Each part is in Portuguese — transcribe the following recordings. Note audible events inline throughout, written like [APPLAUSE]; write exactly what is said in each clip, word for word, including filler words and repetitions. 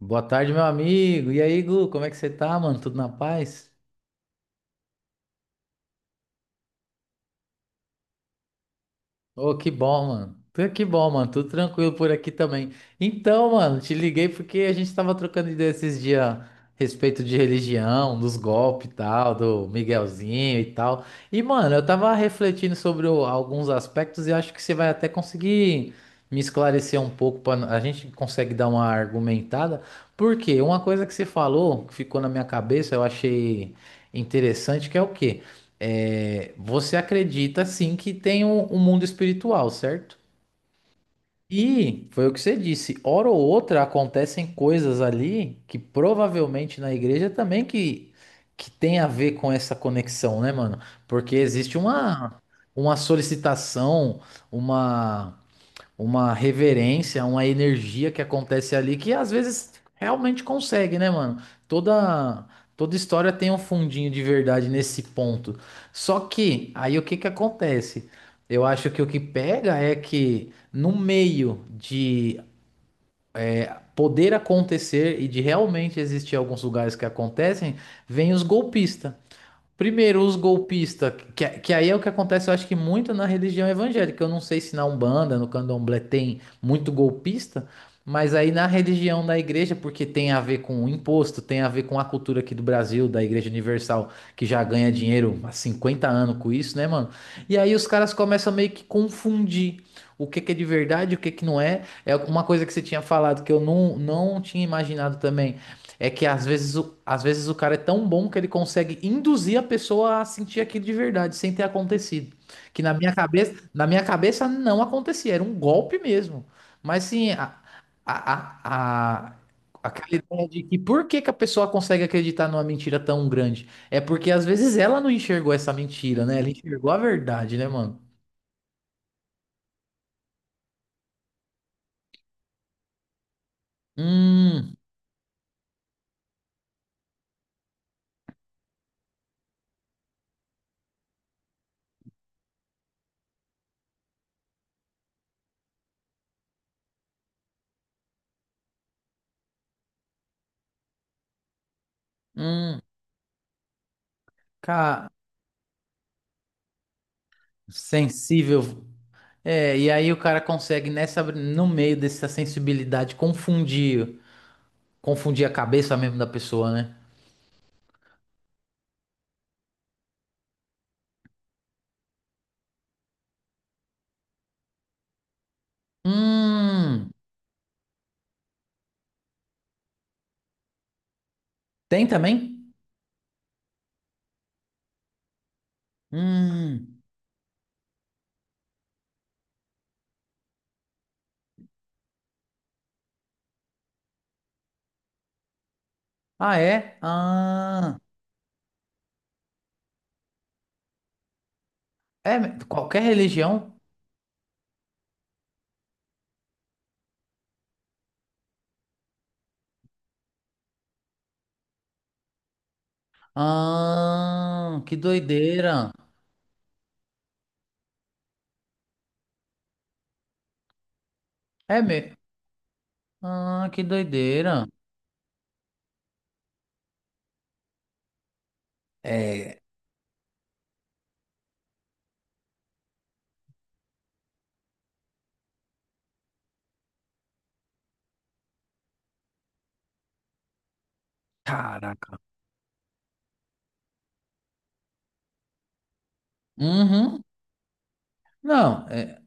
Boa tarde, meu amigo. E aí, Gu, como é que você tá, mano? Tudo na paz? Ô, que bom, mano. Tu- Que bom, mano. Tudo tranquilo por aqui também. Então, mano, te liguei porque a gente tava trocando ideia esses dias a respeito de religião, dos golpes e tal, do Miguelzinho e tal. E, mano, eu tava refletindo sobre o- alguns aspectos e acho que você vai até conseguir me esclarecer um pouco para a gente consegue dar uma argumentada. Porque uma coisa que você falou, que ficou na minha cabeça, eu achei interessante, que é o quê? É, você acredita sim que tem um, um mundo espiritual, certo? E foi o que você disse, hora ou outra acontecem coisas ali que provavelmente na igreja também que, que tem a ver com essa conexão, né, mano? Porque existe uma, uma solicitação, uma uma reverência, uma energia que acontece ali que às vezes realmente consegue, né, mano? Toda Toda história tem um fundinho de verdade nesse ponto. Só que aí o que que acontece? Eu acho que o que pega é que no meio de poder acontecer e de realmente existir alguns lugares que acontecem, vem os golpistas. Primeiro, os golpistas, que, que aí é o que acontece, eu acho que muito na religião evangélica. Eu não sei se na Umbanda, no Candomblé tem muito golpista, mas aí na religião da igreja, porque tem a ver com o imposto, tem a ver com a cultura aqui do Brasil, da Igreja Universal, que já ganha dinheiro há cinquenta anos com isso, né, mano? E aí os caras começam a meio que confundir o que que é de verdade, o que que não é. É uma coisa que você tinha falado que eu não, não tinha imaginado também. É que às vezes, o- às vezes o cara é tão bom que ele consegue induzir a pessoa a sentir aquilo de verdade, sem ter acontecido. Que na minha cabeça, na minha cabeça não acontecia, era um golpe mesmo. Mas sim, a, a, a, a- aquela ideia de que por que que a pessoa consegue acreditar numa mentira tão grande? É porque às vezes ela não enxergou essa mentira, né? Ela enxergou a verdade, né, mano? Hum, hum, cara, sensível. É, e aí o cara consegue nessa no meio dessa sensibilidade confundir, confundir a cabeça mesmo da pessoa, né? Hum, tem também? Hum. Ah, é? Ah, é me- qualquer religião? Ah, que doideira. É mesmo. Ah, que doideira. É, caraca. Uhum. Não, é,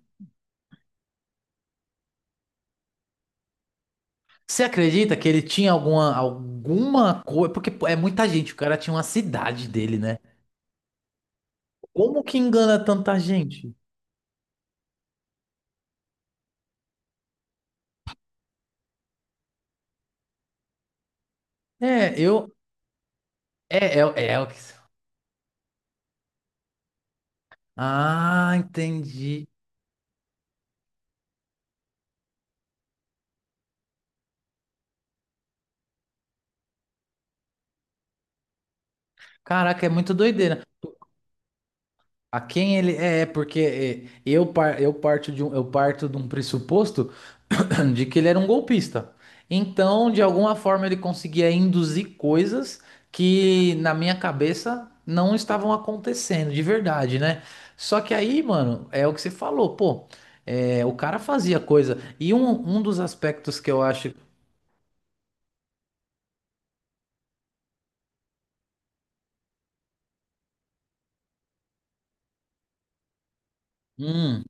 você acredita que ele tinha alguma alguma coisa, porque pô, é muita gente, o cara tinha uma cidade dele, né? Como que engana tanta gente? É, eu. É, é, é o que. Ah, entendi. Caraca, é muito doideira. A quem ele. É, é porque é, eu, par- eu, parto de um, eu parto de um pressuposto [CLEARS THROAT] de que ele era um golpista. Então, de alguma forma, ele conseguia induzir coisas que, na minha cabeça, não estavam acontecendo, de verdade, né? Só que aí, mano, é o que você falou, pô. É, o cara fazia coisa. E um, um dos aspectos que eu acho. Hum,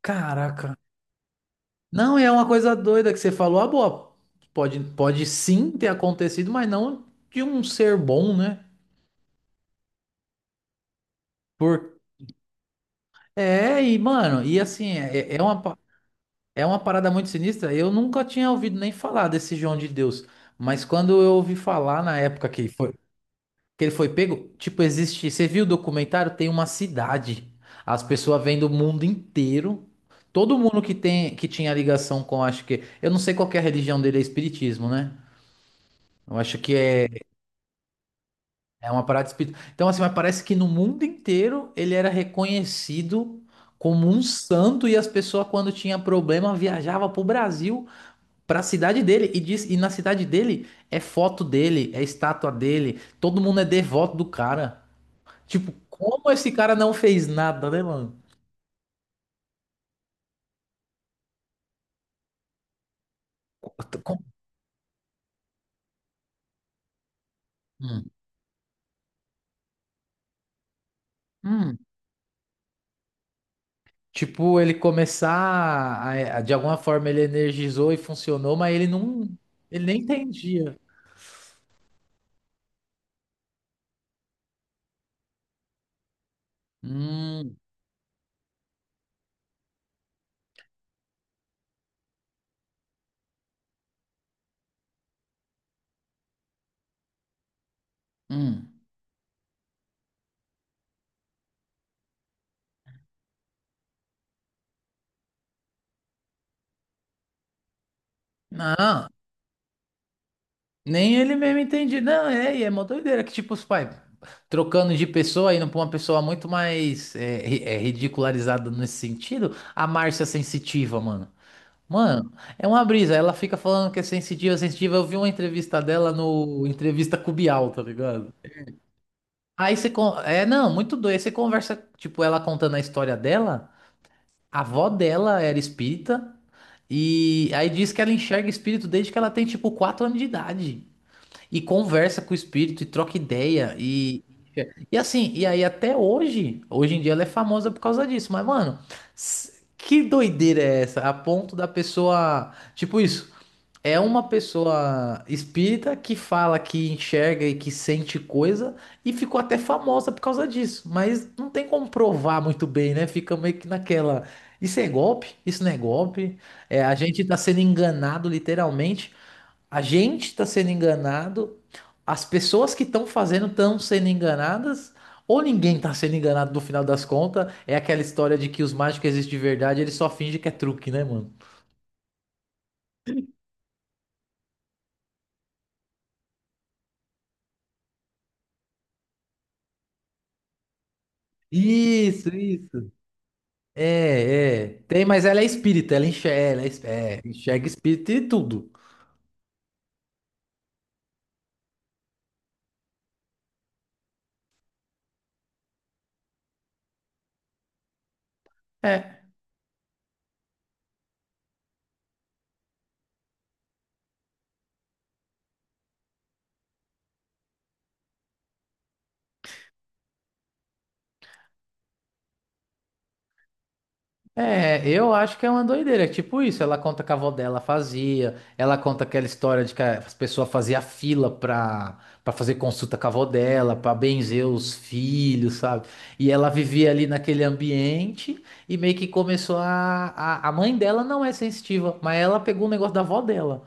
caraca. Não, e é uma coisa doida que você falou. Ah, boa. Pode, pode sim ter acontecido, mas não de um ser bom, né? Por... É, e, mano, e assim, é, é é uma, pa- é uma parada muito sinistra. Eu nunca tinha ouvido nem falar desse João de Deus. Mas quando eu ouvi falar na época que foi. Que ele foi pego? Tipo, existe. Você viu o documentário? Tem uma cidade. As pessoas vêm do mundo inteiro. Todo mundo que tem, que tinha ligação com, acho que. Eu não sei qual que é a religião dele, é espiritismo, né? Eu acho que é, é uma parada espírita. Então, assim, mas parece que no mundo inteiro ele era reconhecido como um santo e as pessoas, quando tinha problema, viajavam pro Brasil, pra cidade dele. E, diz, e na cidade dele é foto dele, é estátua dele. Todo mundo é devoto do cara. Tipo, como esse cara não fez nada, né, mano? Como- Hum. Hum. Tipo, ele começar a- a- de alguma forma ele energizou e funcionou, mas ele não, ele nem entendia. Hum, hum. Não, nem ele mesmo entendia. Não, é, e é uma doideira que tipo os pais trocando de pessoa, indo pra uma pessoa muito mais é, ri- é, ridicularizada nesse sentido, a Márcia é sensitiva, mano. Mano, é uma brisa. Ela fica falando que é sensitiva, sensitiva. Eu vi uma entrevista dela no Entrevista com o Bial, tá ligado? Aí você. con- É, não, muito doido. Aí você conversa, tipo, ela contando a história dela. A avó dela era espírita. E aí diz que ela enxerga espírito desde que ela tem, tipo, quatro anos de idade. E conversa com o espírito e troca ideia. E, e assim, e aí até hoje, hoje em dia ela é famosa por causa disso. Mas, mano, s- que doideira é essa? A ponto da pessoa. Tipo isso. É uma pessoa espírita que fala que enxerga e que sente coisa e ficou até famosa por causa disso, mas não tem como provar muito bem, né? Fica meio que naquela. Isso é golpe? Isso não é golpe? É, a gente tá sendo enganado, literalmente. A gente tá sendo enganado, as pessoas que estão fazendo estão sendo enganadas, ou ninguém tá sendo enganado no final das contas. É aquela história de que os mágicos existem de verdade, eles só fingem que é truque, né, mano? Isso, isso. É, é. Tem, mas ela é espírita, ela enxerga, ela é, es- é, enxerga espírito e tudo. É. É, eu acho que é uma doideira. É tipo isso, ela conta que a avó dela fazia, ela conta aquela história de que as pessoas faziam fila pra, pra fazer consulta com a avó dela, pra benzer os filhos, sabe? E ela vivia ali naquele ambiente e meio que começou a... A, a mãe dela não é sensitiva, mas ela pegou o negócio da avó dela.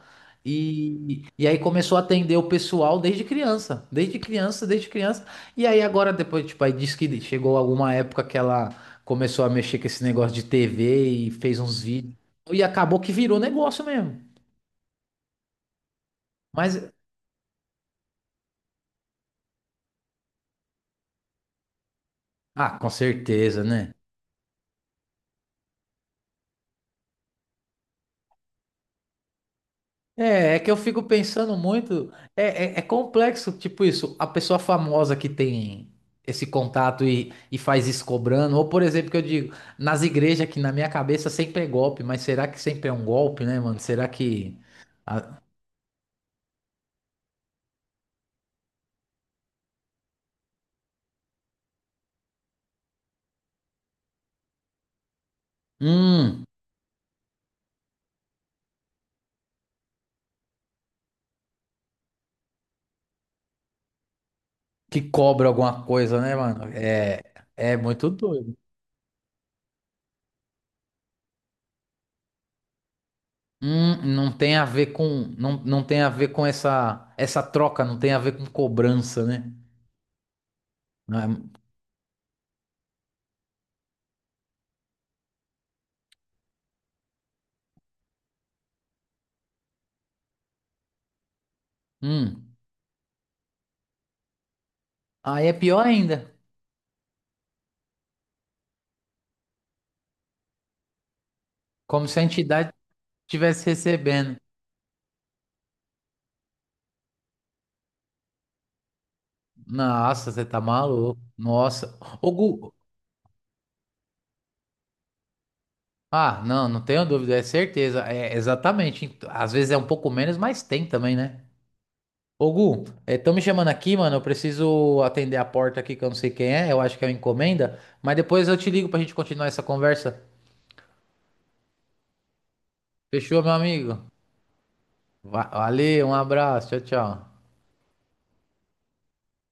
E, e aí começou a atender o pessoal desde criança, desde criança, desde criança. E aí agora depois, tipo, aí diz que chegou alguma época que ela começou a mexer com esse negócio de tê vê e fez uns vídeos. E acabou que virou negócio mesmo. Mas, ah, com certeza, né? É, é que eu fico pensando muito. É, é, é complexo, tipo isso. A pessoa famosa que tem esse contato e, e faz isso cobrando. Ou, por exemplo, que eu digo, nas igrejas que na minha cabeça sempre é golpe, mas será que sempre é um golpe, né, mano? Será que. A- Hum, que cobra alguma coisa, né, mano? É, é muito doido. Hum, não tem a ver com, não, não tem a ver com essa, essa troca, não tem a ver com cobrança, né? Não é- Hum. Aí é pior ainda, como se a entidade estivesse recebendo. Nossa, você tá maluco. Nossa. O Gu... Ah, não, não tenho dúvida, é certeza. É exatamente. Às vezes é um pouco menos, mas tem também, né? Ô Gu, estão me chamando aqui, mano. Eu preciso atender a porta aqui que eu não sei quem é. Eu acho que é uma encomenda. Mas depois eu te ligo pra gente continuar essa conversa. Fechou, meu amigo? Va- Valeu, um abraço, tchau, tchau.